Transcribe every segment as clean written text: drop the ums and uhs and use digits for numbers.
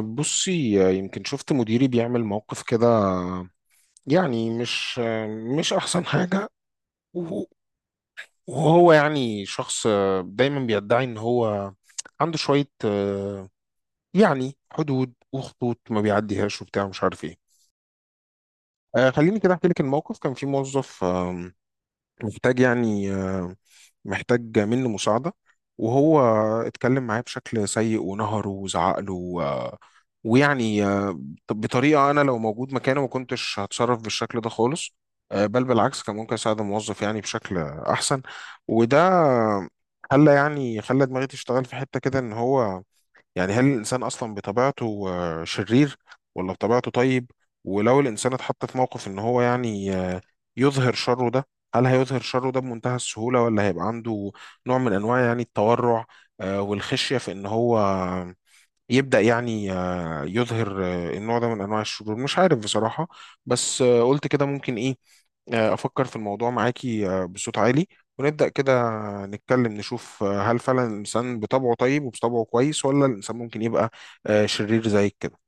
بصي، يمكن شفت مديري بيعمل موقف كده. يعني مش احسن حاجة. وهو وهو يعني شخص دايما بيدعي ان هو عنده شوية، يعني حدود وخطوط ما بيعديهاش وبتاع مش عارف ايه. خليني كده احكي لك الموقف. كان في موظف محتاج يعني، محتاج مني مساعدة. وهو اتكلم معايا بشكل سيء ونهره وزعق له ويعني بطريقة أنا لو موجود مكانه ما كنتش هتصرف بالشكل ده خالص. بل بالعكس كان ممكن أساعد الموظف يعني بشكل أحسن. وده خلى دماغي تشتغل في حتة كده إن هو يعني، هل الإنسان أصلا بطبيعته شرير ولا بطبيعته طيب؟ ولو الإنسان اتحط في موقف إن هو يعني يظهر شره ده، هل هيظهر شره ده بمنتهى السهولة ولا هيبقى عنده نوع من أنواع يعني التورع والخشية في إن هو يبدأ يعني يظهر النوع ده من أنواع الشرور؟ مش عارف بصراحة. بس قلت كده ممكن إيه، أفكر في الموضوع معاكي بصوت عالي، ونبدأ كده نتكلم نشوف هل فعلا الإنسان بطبعه طيب وبطبعه كويس، ولا الإنسان ممكن يبقى شرير زيك كده.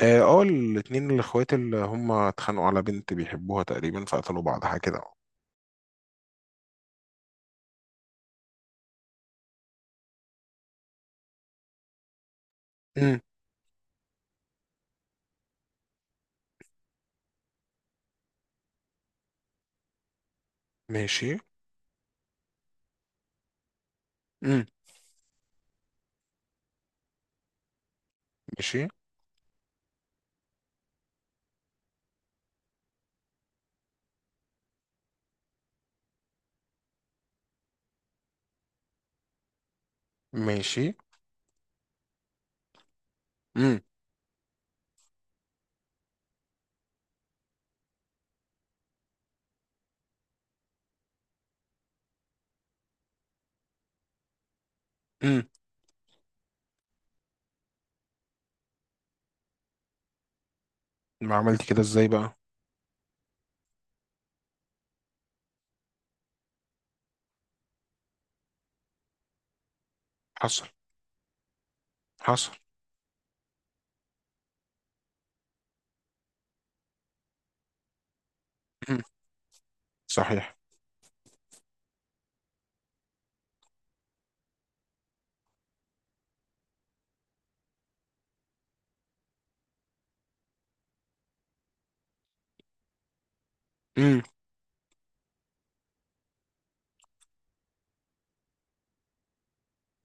اه، الاتنين الأخوات اللي هم اتخانقوا على بنت بيحبوها تقريبا، فقتلوا بعض حاجة كده. امم. ماشي. امم. ماشي. ماشي. امم. امم. ما عملت كده ازاي بقى؟ حصل. حصل. امم. صحيح. امم.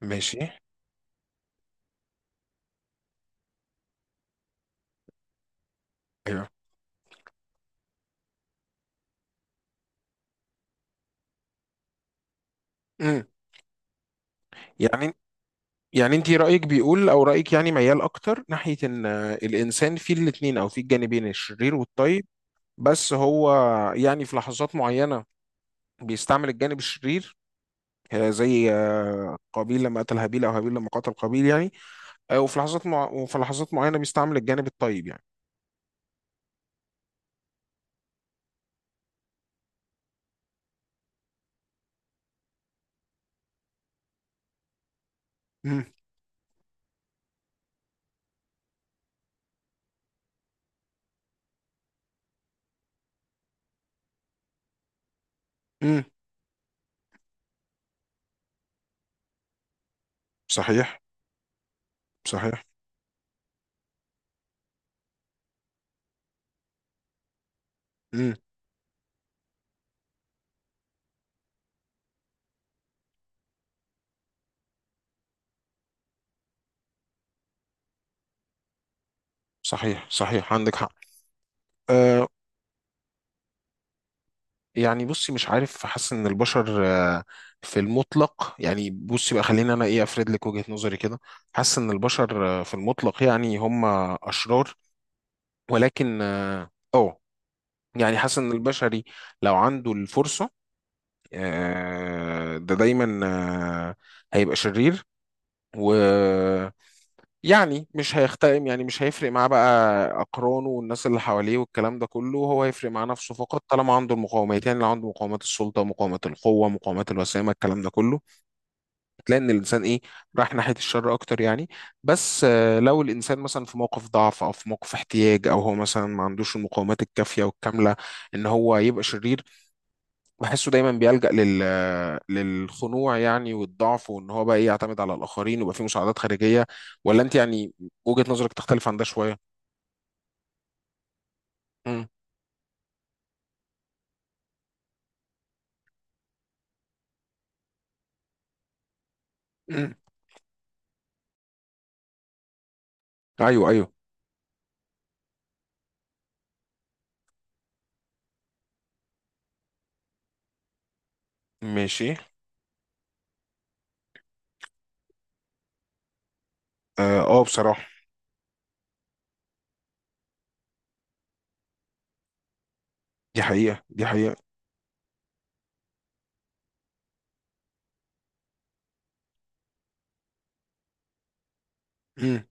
ماشي. ايوه. امم. يعني يعني انت رأيك بيقول، او رأيك يعني ميال اكتر ناحية ان الانسان فيه الاتنين او فيه الجانبين الشرير والطيب. بس هو يعني في لحظات معينة بيستعمل الجانب الشرير، زي قابيل لما قتل هابيل، او هابيل لما قتل قابيل يعني. وفي لحظات معينة بيستعمل الجانب الطيب يعني. امم. امم. صحيح. صحيح. امم. صحيح. صحيح. عندك حق. آه، يعني بصي مش عارف، حاسس ان البشر في المطلق يعني. بصي بقى، خليني انا ايه افرد لك وجهة نظري كده. حاسس ان البشر في المطلق يعني هم اشرار، ولكن اه أه، يعني حاسس ان البشري لو عنده الفرصة ده دايما آه، هيبقى شرير. و يعني مش هيختلف، يعني مش هيفرق معاه بقى أقرانه والناس اللي حواليه والكلام ده كله. هو هيفرق مع نفسه فقط طالما عنده المقاومات. يعني لو عنده مقاومات السلطة، مقاومات القوة، مقاومات الوسامة، الكلام ده كله، تلاقي إن الإنسان إيه، راح ناحية الشر أكتر يعني. بس لو الإنسان مثلا في موقف ضعف أو في موقف احتياج، أو هو مثلا ما عندوش المقاومات الكافية والكاملة إن هو يبقى شرير، بحسه دايما بيلجأ للخنوع يعني والضعف، وان هو بقى ايه، يعتمد على الاخرين ويبقى فيه مساعدات خارجيه. ولا انت يعني وجهه نظرك تختلف عن ده شويه؟ امم. مم. ايوه، ايوه. ماشي. اه، بصراحه. دي حقيقه، دي حقيقه. امم.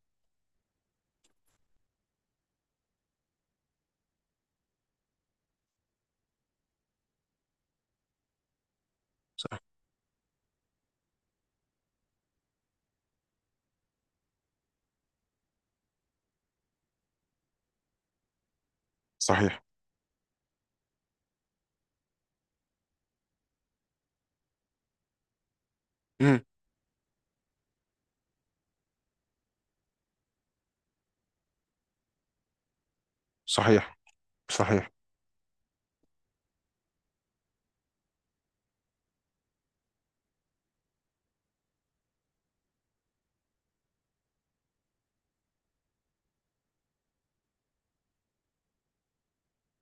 صح- صحيح. امم. صحيح. صحيح.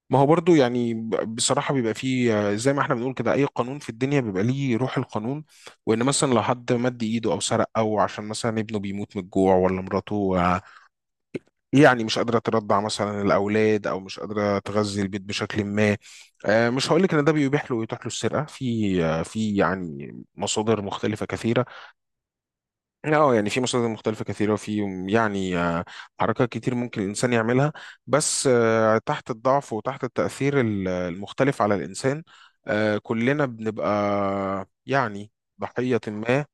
ما هو برضو يعني، بصراحة بيبقى فيه زي ما احنا بنقول كده، أي قانون في الدنيا بيبقى ليه روح القانون. وإن مثلا لو حد مد إيده أو سرق، أو عشان مثلا ابنه بيموت من الجوع، ولا مراته يعني مش قادرة ترضع مثلا الأولاد، أو مش قادرة تغذي البيت بشكل ما. مش هقول لك إن ده بيبيح له ويتاح له السرقة في في يعني مصادر مختلفة كثيرة. أه يعني في مصادر مختلفة كثيرة، وفي يعني حركات كتير ممكن الإنسان يعملها. بس تحت الضعف وتحت التأثير المختلف على الإنسان كلنا بنبقى يعني ضحية ما.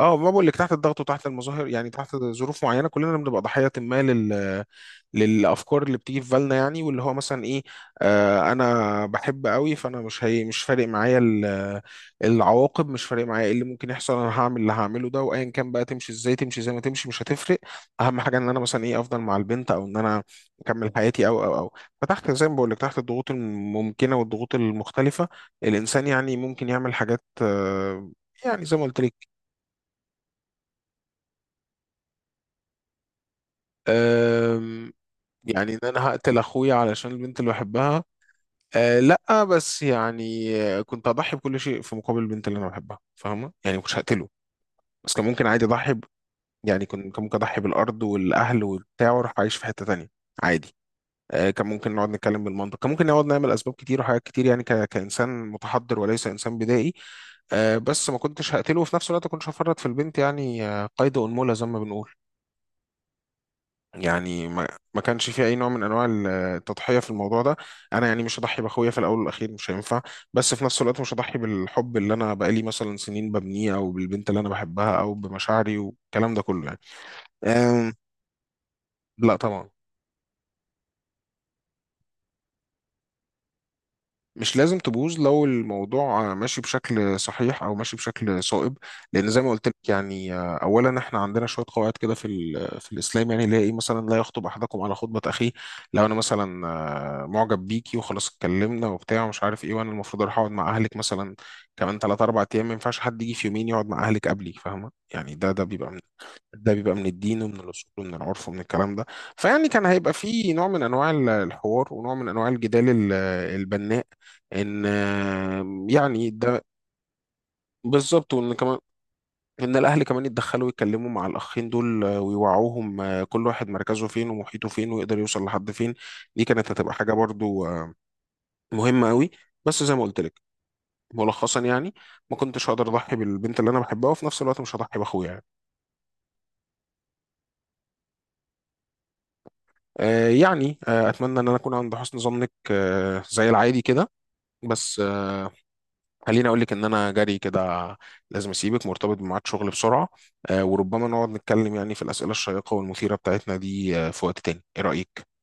اه، ما بقول لك، تحت الضغط وتحت المظاهر، يعني تحت ظروف معينه كلنا بنبقى ضحيه ما للافكار اللي بتيجي في بالنا. يعني واللي هو مثلا ايه، انا بحب قوي، فانا مش فارق معايا العواقب، مش فارق معايا ايه اللي ممكن يحصل. انا هعمل اللي هعمله ده، وايا كان بقى، تمشي ازاي، تمشي زي ما تمشي، مش هتفرق. اهم حاجه ان انا مثلا ايه، افضل مع البنت، او ان انا اكمل حياتي او. فتحت، زي ما بقول لك، تحت الضغوط الممكنه والضغوط المختلفه، الانسان يعني ممكن يعمل حاجات يعني زي ما قلت لك. أم، يعني ان انا هقتل اخويا علشان البنت اللي بحبها؟ أه لا، بس يعني كنت اضحي بكل شيء في مقابل البنت اللي انا بحبها، فاهمه يعني، ما كنتش هقتله. بس كان ممكن عادي اضحي. يعني كان ممكن اضحي بالارض والاهل وبتاع، واروح اعيش في حته تانية عادي. أه كان ممكن نقعد نتكلم بالمنطق، كان ممكن نقعد نعمل اسباب كتير وحاجات كتير يعني، كانسان متحضر وليس انسان بدائي. أه بس ما كنتش هقتله، وفي نفس الوقت كنتش هفرط في البنت يعني قيد انملة زي ما بنقول. يعني ما كانش في اي نوع من انواع التضحيه في الموضوع ده. انا يعني مش هضحي باخويا، في الاول والاخير مش هينفع. بس في نفس الوقت مش هضحي بالحب اللي انا بقالي مثلا سنين ببنيه، او بالبنت اللي انا بحبها، او بمشاعري والكلام ده كله يعني. أم لا طبعا. مش لازم تبوظ لو الموضوع ماشي بشكل صحيح او ماشي بشكل صائب. لان زي ما قلت لك يعني، اولا احنا عندنا شويه قواعد كده في في الاسلام يعني، اللي هي ايه مثلا، لا يخطب احدكم على خطبه اخيه. لو انا مثلا معجب بيكي وخلاص، اتكلمنا وبتاع ومش عارف ايه، وانا المفروض اروح اقعد مع اهلك مثلا كمان 3 4 ايام، ما ينفعش حد يجي في يومين يقعد مع اهلك قبلي، فاهمه يعني. ده بيبقى من الدين ومن الاصول ومن العرف ومن الكلام ده. فيعني كان هيبقى فيه نوع من انواع الحوار، ونوع من انواع الجدال البناء، ان يعني ده. بالظبط. وان كمان ان الاهل كمان يتدخلوا ويتكلموا مع الاخين دول ويوعوهم كل واحد مركزه فين ومحيطه فين، ويقدر يوصل لحد فين. دي كانت هتبقى حاجه برضو مهمة قوي. بس زي ما قلت لك ملخصا يعني، ما كنتش هقدر اضحي بالبنت اللي انا بحبها، وفي نفس الوقت مش هضحي باخويا يعني. يعني اتمنى ان انا اكون عند حسن ظنك زي العادي كده. بس خليني اقول لك ان انا جري كده، لازم اسيبك، مرتبط بميعاد شغل بسرعة. وربما نقعد نتكلم يعني في الأسئلة الشيقة والمثيرة بتاعتنا دي في وقت تاني. ايه رأيك؟